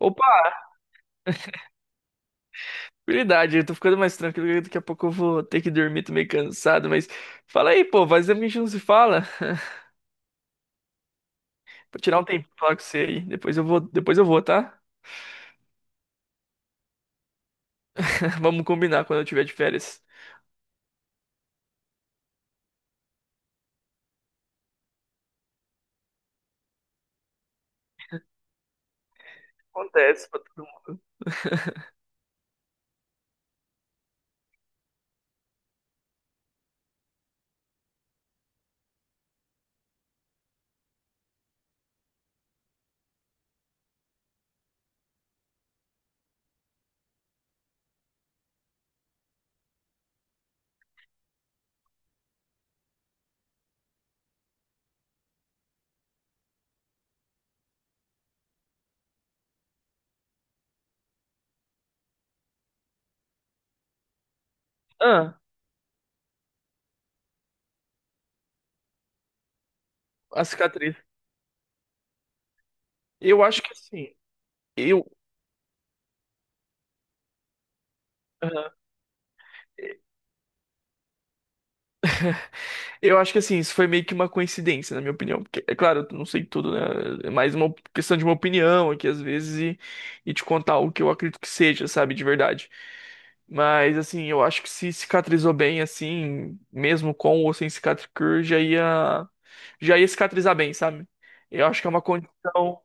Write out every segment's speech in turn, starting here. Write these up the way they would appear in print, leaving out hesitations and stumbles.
Opa, habilidade, eu tô ficando mais tranquilo, que daqui a pouco eu vou ter que dormir, tô meio cansado, mas fala aí, pô, faz tempo que a gente não se fala. Vou tirar um tempo pra falar com você aí, depois eu vou, tá? Vamos combinar quando eu tiver de férias. Acontece pra todo mundo. Ah, a cicatriz. Eu acho que assim, eu, Aham. Eu acho que assim, isso foi meio que uma coincidência, na minha opinião. Porque, é claro, eu não sei tudo, né? É mais uma questão de uma opinião aqui, às vezes, e te contar o que eu acredito que seja, sabe, de verdade. Mas, assim, eu acho que se cicatrizou bem, assim, mesmo com ou sem cicatricure, já ia cicatrizar bem, sabe? Eu acho que é uma condição.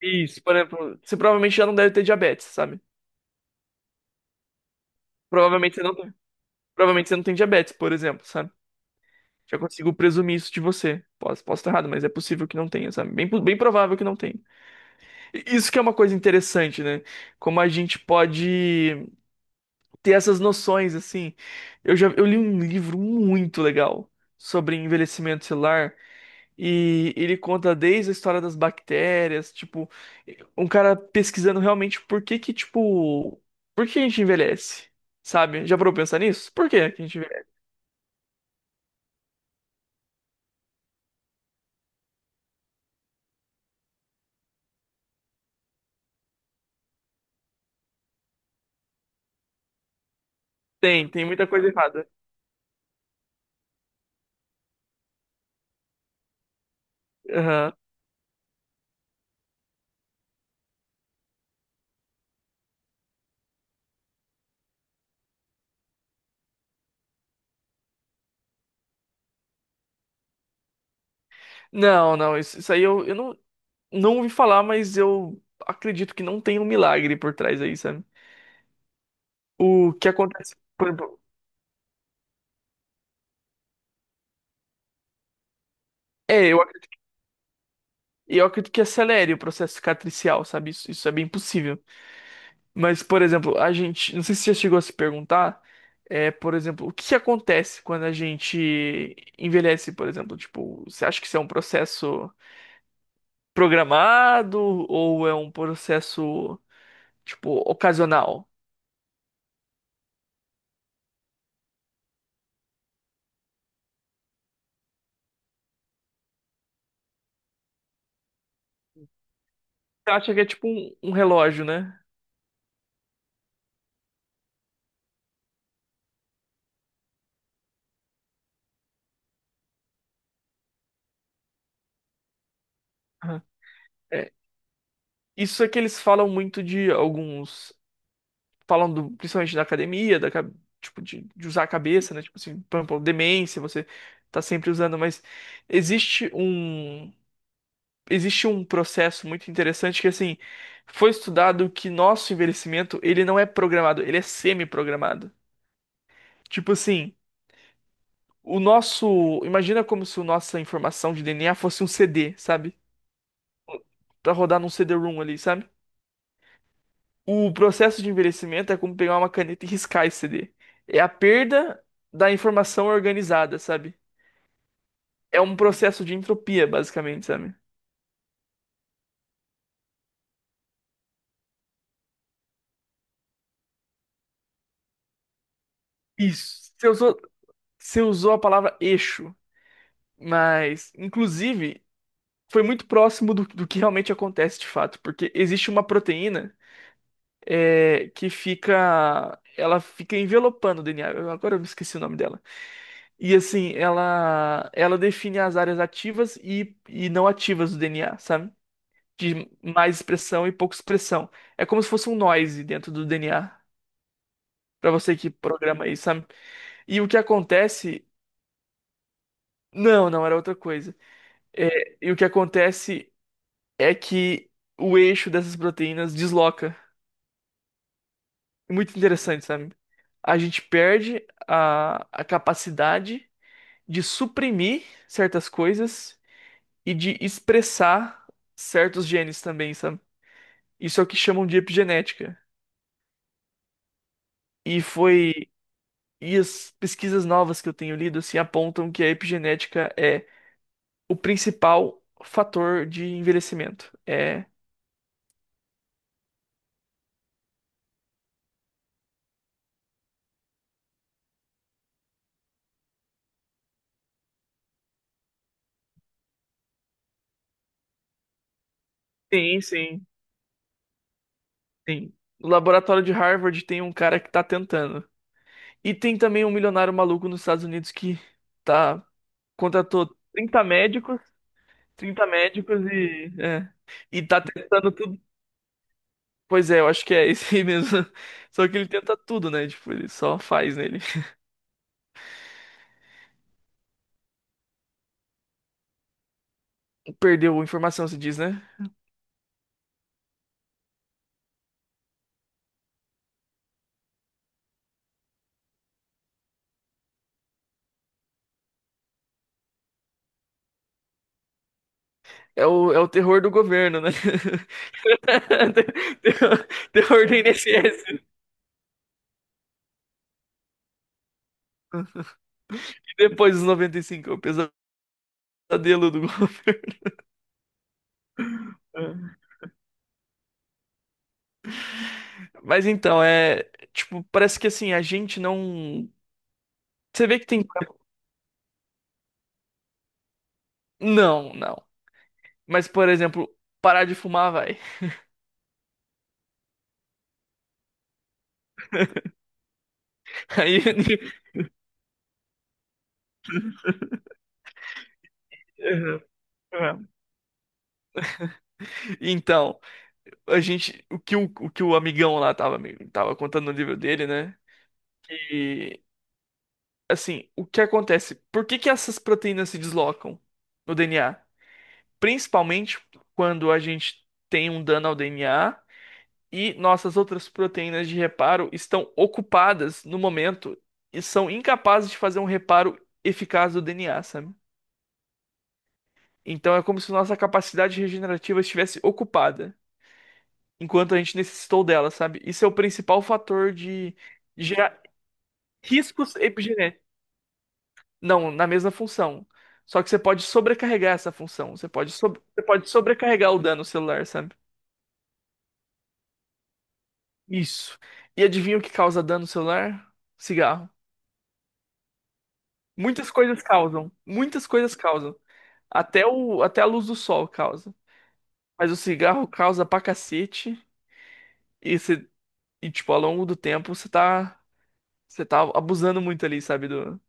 Isso, por exemplo, você provavelmente já não deve ter diabetes, sabe? Provavelmente você não tem, provavelmente você não tem diabetes, por exemplo, sabe? Já consigo presumir isso de você. Posso estar errado, mas é possível que não tenha, sabe? Bem, bem provável que não tenha. E isso que é uma coisa interessante, né? Como a gente pode ter essas noções, assim. Eu já eu li um livro muito legal sobre envelhecimento celular e ele conta desde a história das bactérias, tipo, um cara pesquisando realmente por que que, tipo, por que a gente envelhece, sabe? Já parou pra pensar nisso? Por que que a gente envelhece? Tem muita coisa errada. Aham. Não, não, isso aí eu não, não ouvi falar, mas eu acredito que não tem um milagre por trás aí, sabe? O que acontece, por exemplo, é, eu acredito que acelere o processo cicatricial, sabe? Isso é bem possível. Mas, por exemplo, a gente, não sei se você já chegou a se perguntar, é, por exemplo, o que que acontece quando a gente envelhece, por exemplo? Tipo, você acha que isso é um processo programado ou é um processo, tipo, ocasional? Você acha que é tipo um relógio, né? É, isso é que eles falam muito de alguns. Falam principalmente da academia, tipo, de usar a cabeça, né? Tipo assim, por exemplo, demência, você tá sempre usando, mas existe um. Existe um processo muito interessante que, assim, foi estudado que nosso envelhecimento, ele não é programado, ele é semi-programado. Tipo assim, o nosso. Imagina como se a nossa informação de DNA fosse um CD, sabe? Pra rodar num CD-ROM ali, sabe? O processo de envelhecimento é como pegar uma caneta e riscar esse CD. É a perda da informação organizada, sabe? É um processo de entropia, basicamente, sabe? Isso. Você usou a palavra eixo, mas, inclusive, foi muito próximo do que realmente acontece de fato, porque existe uma proteína é, que fica. Ela fica envelopando o DNA. Agora eu me esqueci o nome dela. E assim, ela define as áreas ativas e não ativas do DNA, sabe? De mais expressão e pouca expressão. É como se fosse um noise dentro do DNA, pra você que programa isso, sabe? E o que acontece. Não, não, era outra coisa. É, e o que acontece é que o eixo dessas proteínas desloca. É muito interessante, sabe? A gente perde a capacidade de suprimir certas coisas e de expressar certos genes também, sabe? Isso é o que chamam de epigenética. E foi E as pesquisas novas que eu tenho lido se apontam que a epigenética é o principal fator de envelhecimento. É. Sim, sim. No laboratório de Harvard tem um cara que tá tentando. E tem também um milionário maluco nos Estados Unidos que tá contratou 30 médicos, 30 médicos e é, e tá tentando tudo. Pois é, eu acho que é esse aí mesmo. Só que ele tenta tudo, né? Tipo, ele só faz, nele. Ele perdeu informação, se diz, né? É o terror do governo, né? Terror, terror do INSS. E depois dos 95, é o pesadelo do governo. Mas então, é. Tipo, parece que assim, a gente não. Você vê que tem. Não, não. Mas, por exemplo, parar de fumar vai. Aí. Uhum, uhum. Então, a gente. O que o amigão lá tava contando no livro dele, né? Assim, o que acontece? Por que que essas proteínas se deslocam no DNA? Principalmente quando a gente tem um dano ao DNA e nossas outras proteínas de reparo estão ocupadas no momento e são incapazes de fazer um reparo eficaz do DNA, sabe? Então é como se nossa capacidade regenerativa estivesse ocupada enquanto a gente necessitou dela, sabe? Isso é o principal fator de gerar riscos epigenéticos. Não, na mesma função. Só que você pode sobrecarregar essa função. Você pode sobrecarregar o dano celular, sabe? Isso. E adivinha o que causa dano celular? Cigarro. Muitas coisas causam. Até até a luz do sol causa. Mas o cigarro causa pra cacete. E, você, e tipo, ao longo do tempo, você tá abusando muito ali, sabe? Do,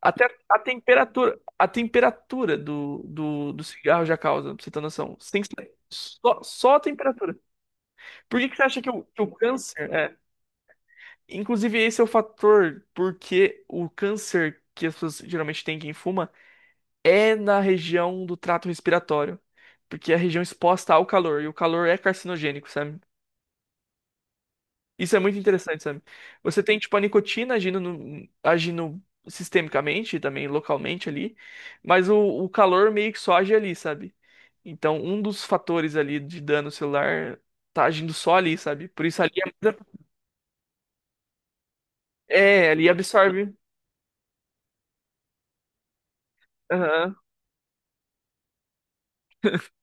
até a temperatura do cigarro já causa, pra você ter noção. Só a temperatura. Por que que você acha que o câncer é? Inclusive, esse é o fator porque o câncer que as pessoas geralmente têm quem fuma é na região do trato respiratório. Porque é a região exposta ao calor, e o calor é carcinogênico, sabe? Isso é muito interessante, sabe? Você tem, tipo, a nicotina agindo, no- agindo sistemicamente, e também localmente ali, mas o, o calor meio que só age ali, sabe? Então, um dos fatores ali de dano celular tá agindo só ali, sabe? Por isso ali é, é, ali absorve. Aham.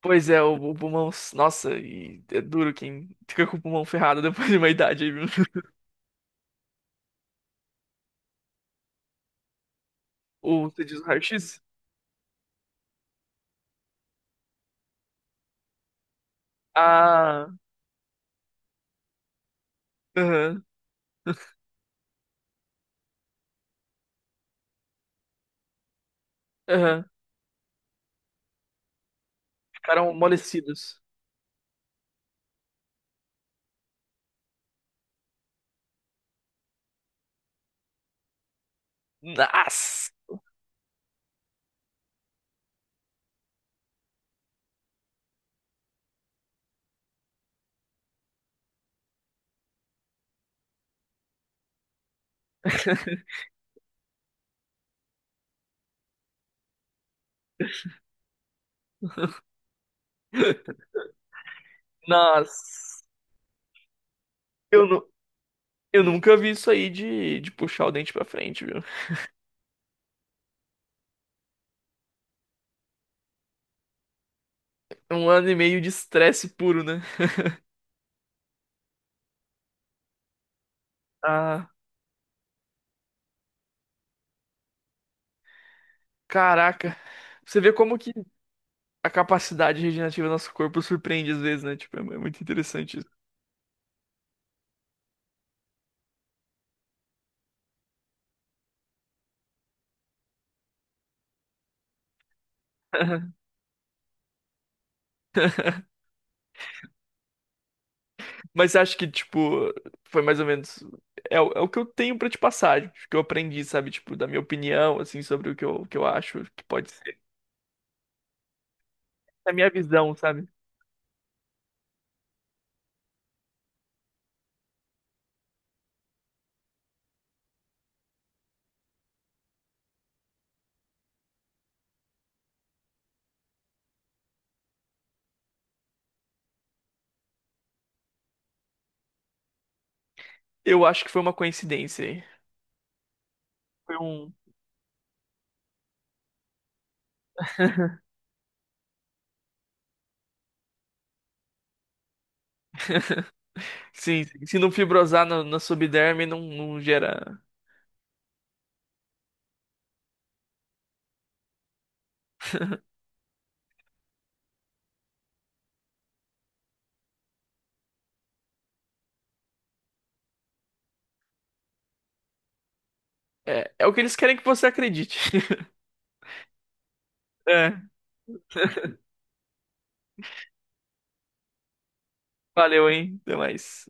Pois é, o pulmão. Nossa, e é duro quem fica com o pulmão ferrado depois de uma idade aí, viu? Ou você diz o raio-x? Ah, aham, aham. Ficaram amolecidos. Nossa! Nossa! Eu, nu- eu nunca vi isso aí de puxar o dente pra frente, viu? É 1 ano e meio de estresse puro, né? Ah, caraca. Você vê como que a capacidade regenerativa do nosso corpo surpreende às vezes, né? Tipo, é muito interessante isso. Mas acho que, tipo, foi mais ou menos. É, é o que eu tenho pra te passar, o que eu aprendi, sabe? Tipo, da minha opinião, assim, sobre o que eu acho que pode ser. Da minha visão, sabe? Eu acho que foi uma coincidência aí. Foi um. Sim, sim. Se não fibrosar na subderme, não gera. É, é o que eles querem que você acredite. É, valeu, hein? Até mais.